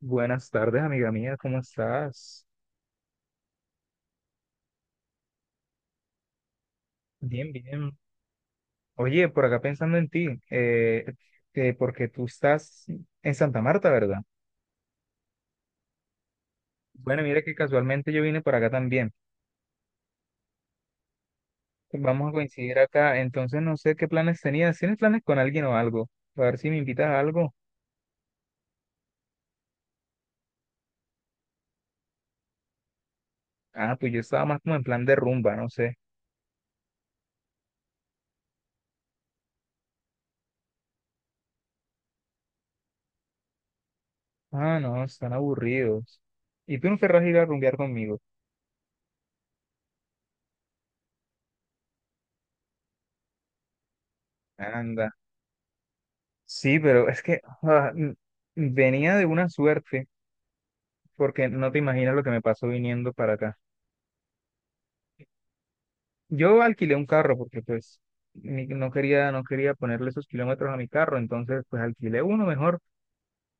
Buenas tardes, amiga mía, ¿cómo estás? Bien, bien. Oye, por acá pensando en ti, porque tú estás en Santa Marta, ¿verdad? Bueno, mira que casualmente yo vine por acá también. Vamos a coincidir acá, entonces no sé qué planes tenías. ¿Tienes planes con alguien o algo? A ver si me invitas a algo. Ah, pues yo estaba más como en plan de rumba, no sé. Ah, no, están aburridos. ¿Y tú no querrás ir a rumbear conmigo? Anda. Sí, pero es que venía de una suerte, porque no te imaginas lo que me pasó viniendo para acá. Yo alquilé un carro porque pues no quería, no quería ponerle esos kilómetros a mi carro, entonces pues alquilé uno mejor,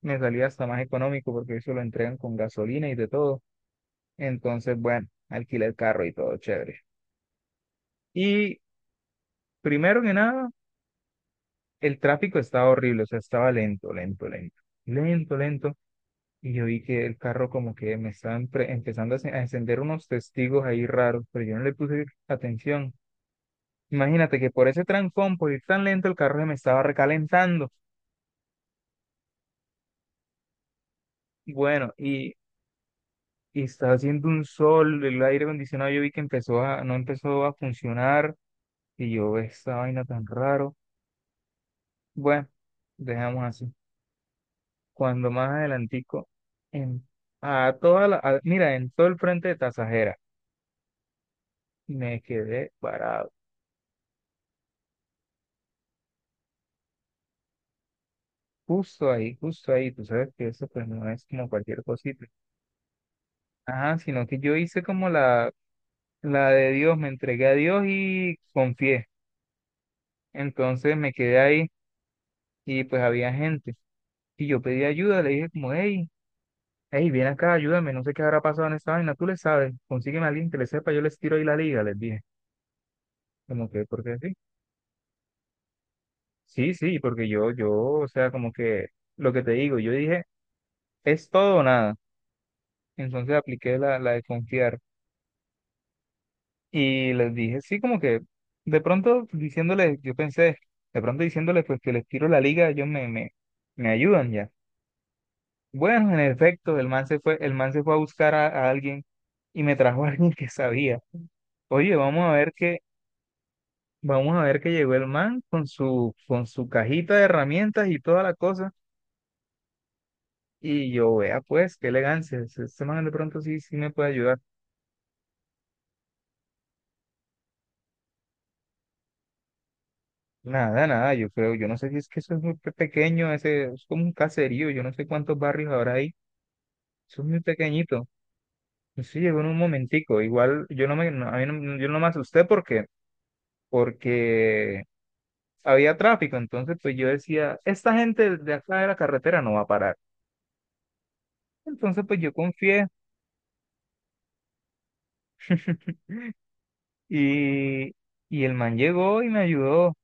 me salía hasta más económico porque eso lo entregan con gasolina y de todo. Entonces, bueno, alquilé el carro y todo chévere. Y primero que nada, el tráfico estaba horrible, o sea, estaba lento, lento, lento, lento, lento. Y yo vi que el carro como que me estaban empezando a encender unos testigos ahí raros, pero yo no le puse atención. Imagínate que por ese trancón, por ir tan lento, el carro se me estaba recalentando. Bueno, y estaba haciendo un sol, el aire acondicionado yo vi que empezó no empezó a funcionar, y yo, esta vaina tan raro. Bueno, dejamos así. Cuando más adelantico, en, a toda mira, en todo el frente de Tasajera, me quedé parado. Justo ahí, tú sabes que eso pues no es como cualquier cosita. Ajá, sino que yo hice como la de Dios, me entregué a Dios y confié. Entonces me quedé ahí y pues había gente. Y yo pedí ayuda, le dije como, hey, hey, ven acá, ayúdame, no sé qué habrá pasado en esta vaina, tú le sabes, consígueme a alguien que le sepa, yo les tiro ahí la liga, les dije. Como que, ¿por qué sí? Sí, sí, porque yo, o sea, como que lo que te digo, yo dije, es todo o nada. Entonces apliqué la de confiar. Y les dije, sí, como que de pronto diciéndoles, yo pensé, de pronto diciéndoles pues que les tiro la liga, ellos me ayudan ya. Bueno, en efecto, el man se fue, el man se fue a buscar a alguien y me trajo a alguien que sabía. Oye, vamos a ver que, vamos a ver que llegó el man con su cajita de herramientas y toda la cosa. Y yo, vea pues, qué elegancia, ese ese man de pronto sí, sí me puede ayudar. Nada, nada, yo creo, yo no sé si es que eso es muy pequeño, ese, es como un caserío, yo no sé cuántos barrios habrá ahí, eso es muy pequeñito. Sí, llegó en un momentico, igual yo no me, no, a mí yo no me asusté porque, porque había tráfico, entonces pues yo decía, esta gente de acá de la carretera no va a parar. Entonces pues yo confié. y, y el man llegó y me ayudó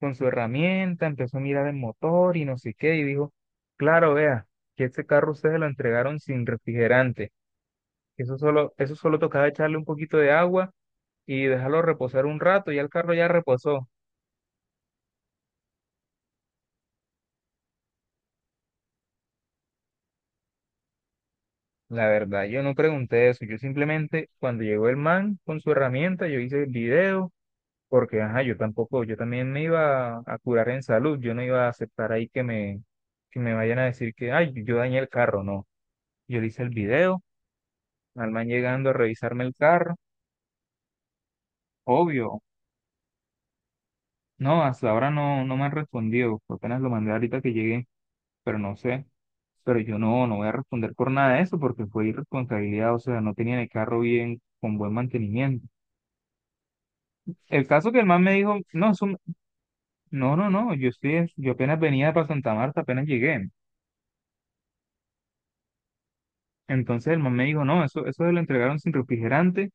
con su herramienta, empezó a mirar el motor y no sé qué, y dijo, claro, vea, que este carro ustedes lo entregaron sin refrigerante. Eso solo tocaba echarle un poquito de agua y dejarlo reposar un rato. Ya el carro ya reposó. La verdad, yo no pregunté eso. Yo simplemente, cuando llegó el man con su herramienta, yo hice el video, porque ajá, yo tampoco, yo también me iba a curar en salud. Yo no iba a aceptar ahí que me vayan a decir que, ay, yo dañé el carro. No. Yo le hice el video, al man llegando a revisarme el carro. Obvio. No, hasta ahora no me han respondido. Apenas lo mandé ahorita que llegué, pero no sé. Pero yo no, no voy a responder por nada de eso porque fue irresponsabilidad, o sea, no tenían el carro bien, con buen mantenimiento. El caso que el man me dijo, no, eso, no, no, no, yo estoy, yo apenas venía para Santa Marta, apenas llegué. Entonces el man me dijo, no, eso se lo entregaron sin refrigerante,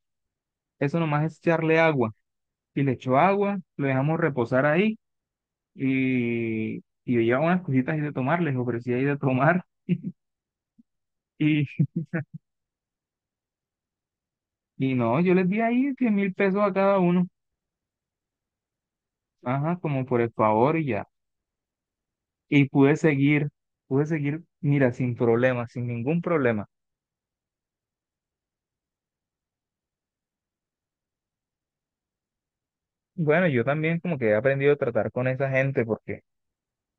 eso nomás es echarle agua. Y le echó agua, lo dejamos reposar ahí y yo llevaba unas cositas ahí de tomar, les ofrecía ahí de tomar. Y, y no, yo les di ahí 10.000 pesos a cada uno, ajá, como por el favor y ya. Y pude seguir, mira, sin problema, sin ningún problema. Bueno, yo también como que he aprendido a tratar con esa gente porque,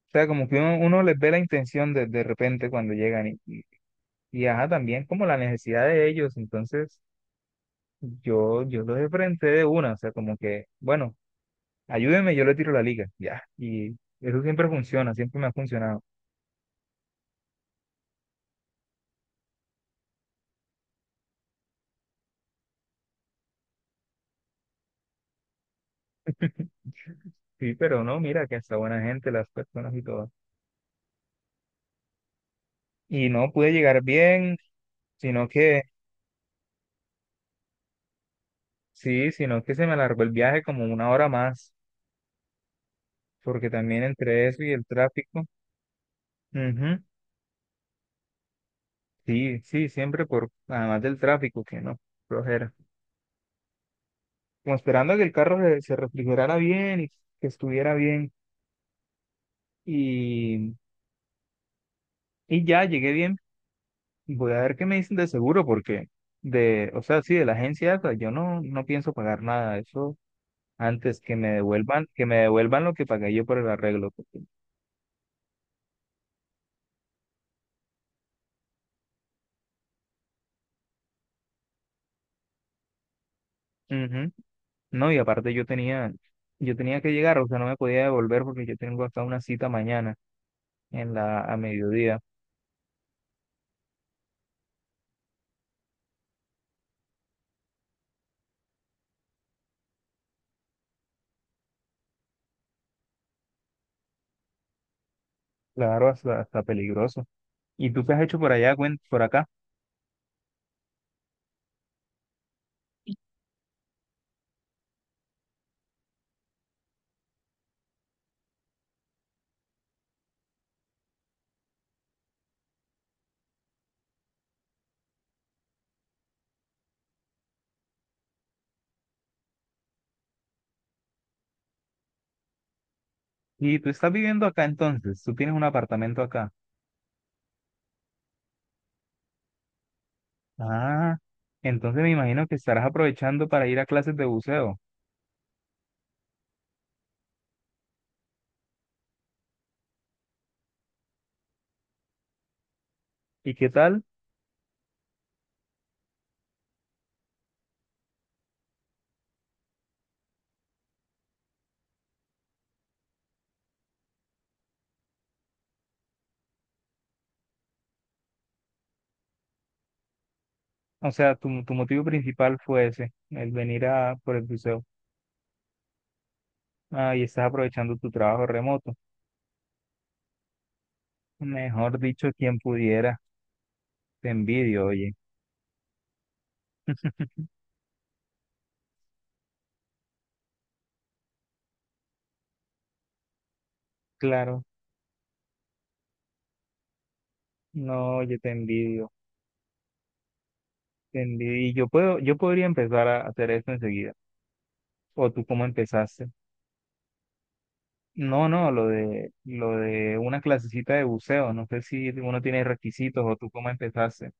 o sea, como que uno les ve la intención de repente cuando llegan ajá, también como la necesidad de ellos, entonces yo los enfrenté de una, o sea, como que, bueno, ayúdenme, yo le tiro la liga, ya, y eso siempre funciona, siempre me ha funcionado. Sí, pero no, mira que hasta buena gente, las personas y todo. Y no pude llegar bien, sino que sí, sino que se me alargó el viaje como 1 hora más, porque también entre eso y el tráfico. Ujú. Sí, sí, siempre por, además del tráfico, que no, flojera. Como esperando a que el se refrigerara bien y que estuviera bien. Y, y ya llegué bien. Voy a ver qué me dicen de seguro, porque de, o sea, sí, de la agencia esa, yo no, no pienso pagar nada. Eso antes que me devuelvan lo que pagué yo por el arreglo. Porque... ujú. No, y aparte yo tenía que llegar, o sea, no me podía devolver porque yo tengo hasta una cita mañana en a mediodía. Claro, hasta, hasta peligroso. ¿Y tú qué has hecho por allá, por acá? Y tú estás viviendo acá entonces, tú tienes un apartamento acá. Ah, entonces me imagino que estarás aprovechando para ir a clases de buceo. ¿Y qué tal? O sea, tu motivo principal fue ese, el venir a por el buceo. Ah, y estás aprovechando tu trabajo remoto. Mejor dicho, quien pudiera, te envidio, oye. Claro. No, yo te envidio, te envidio. Y yo puedo, yo podría empezar a hacer esto enseguida. ¿O tú cómo empezaste? No, no, lo de una clasecita de buceo. No sé si uno tiene requisitos o tú cómo empezaste.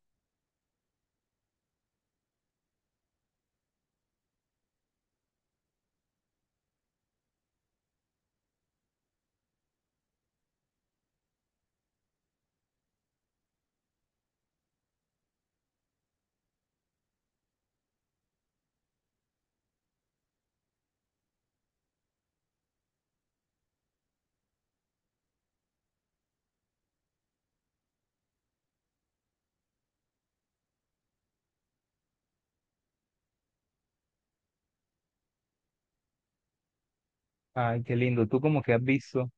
Ay, qué lindo. ¿Tú como que has visto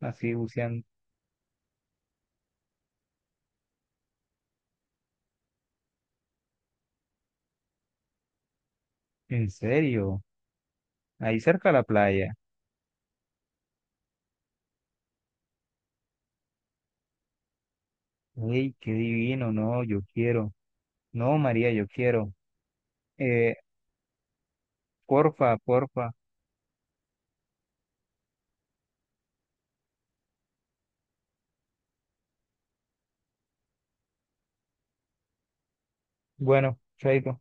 así buceando? ¿En serio? Ahí cerca de la playa. Ay, qué divino. No, yo quiero. No, María, yo quiero. Eh, porfa, porfa. Bueno, chaito.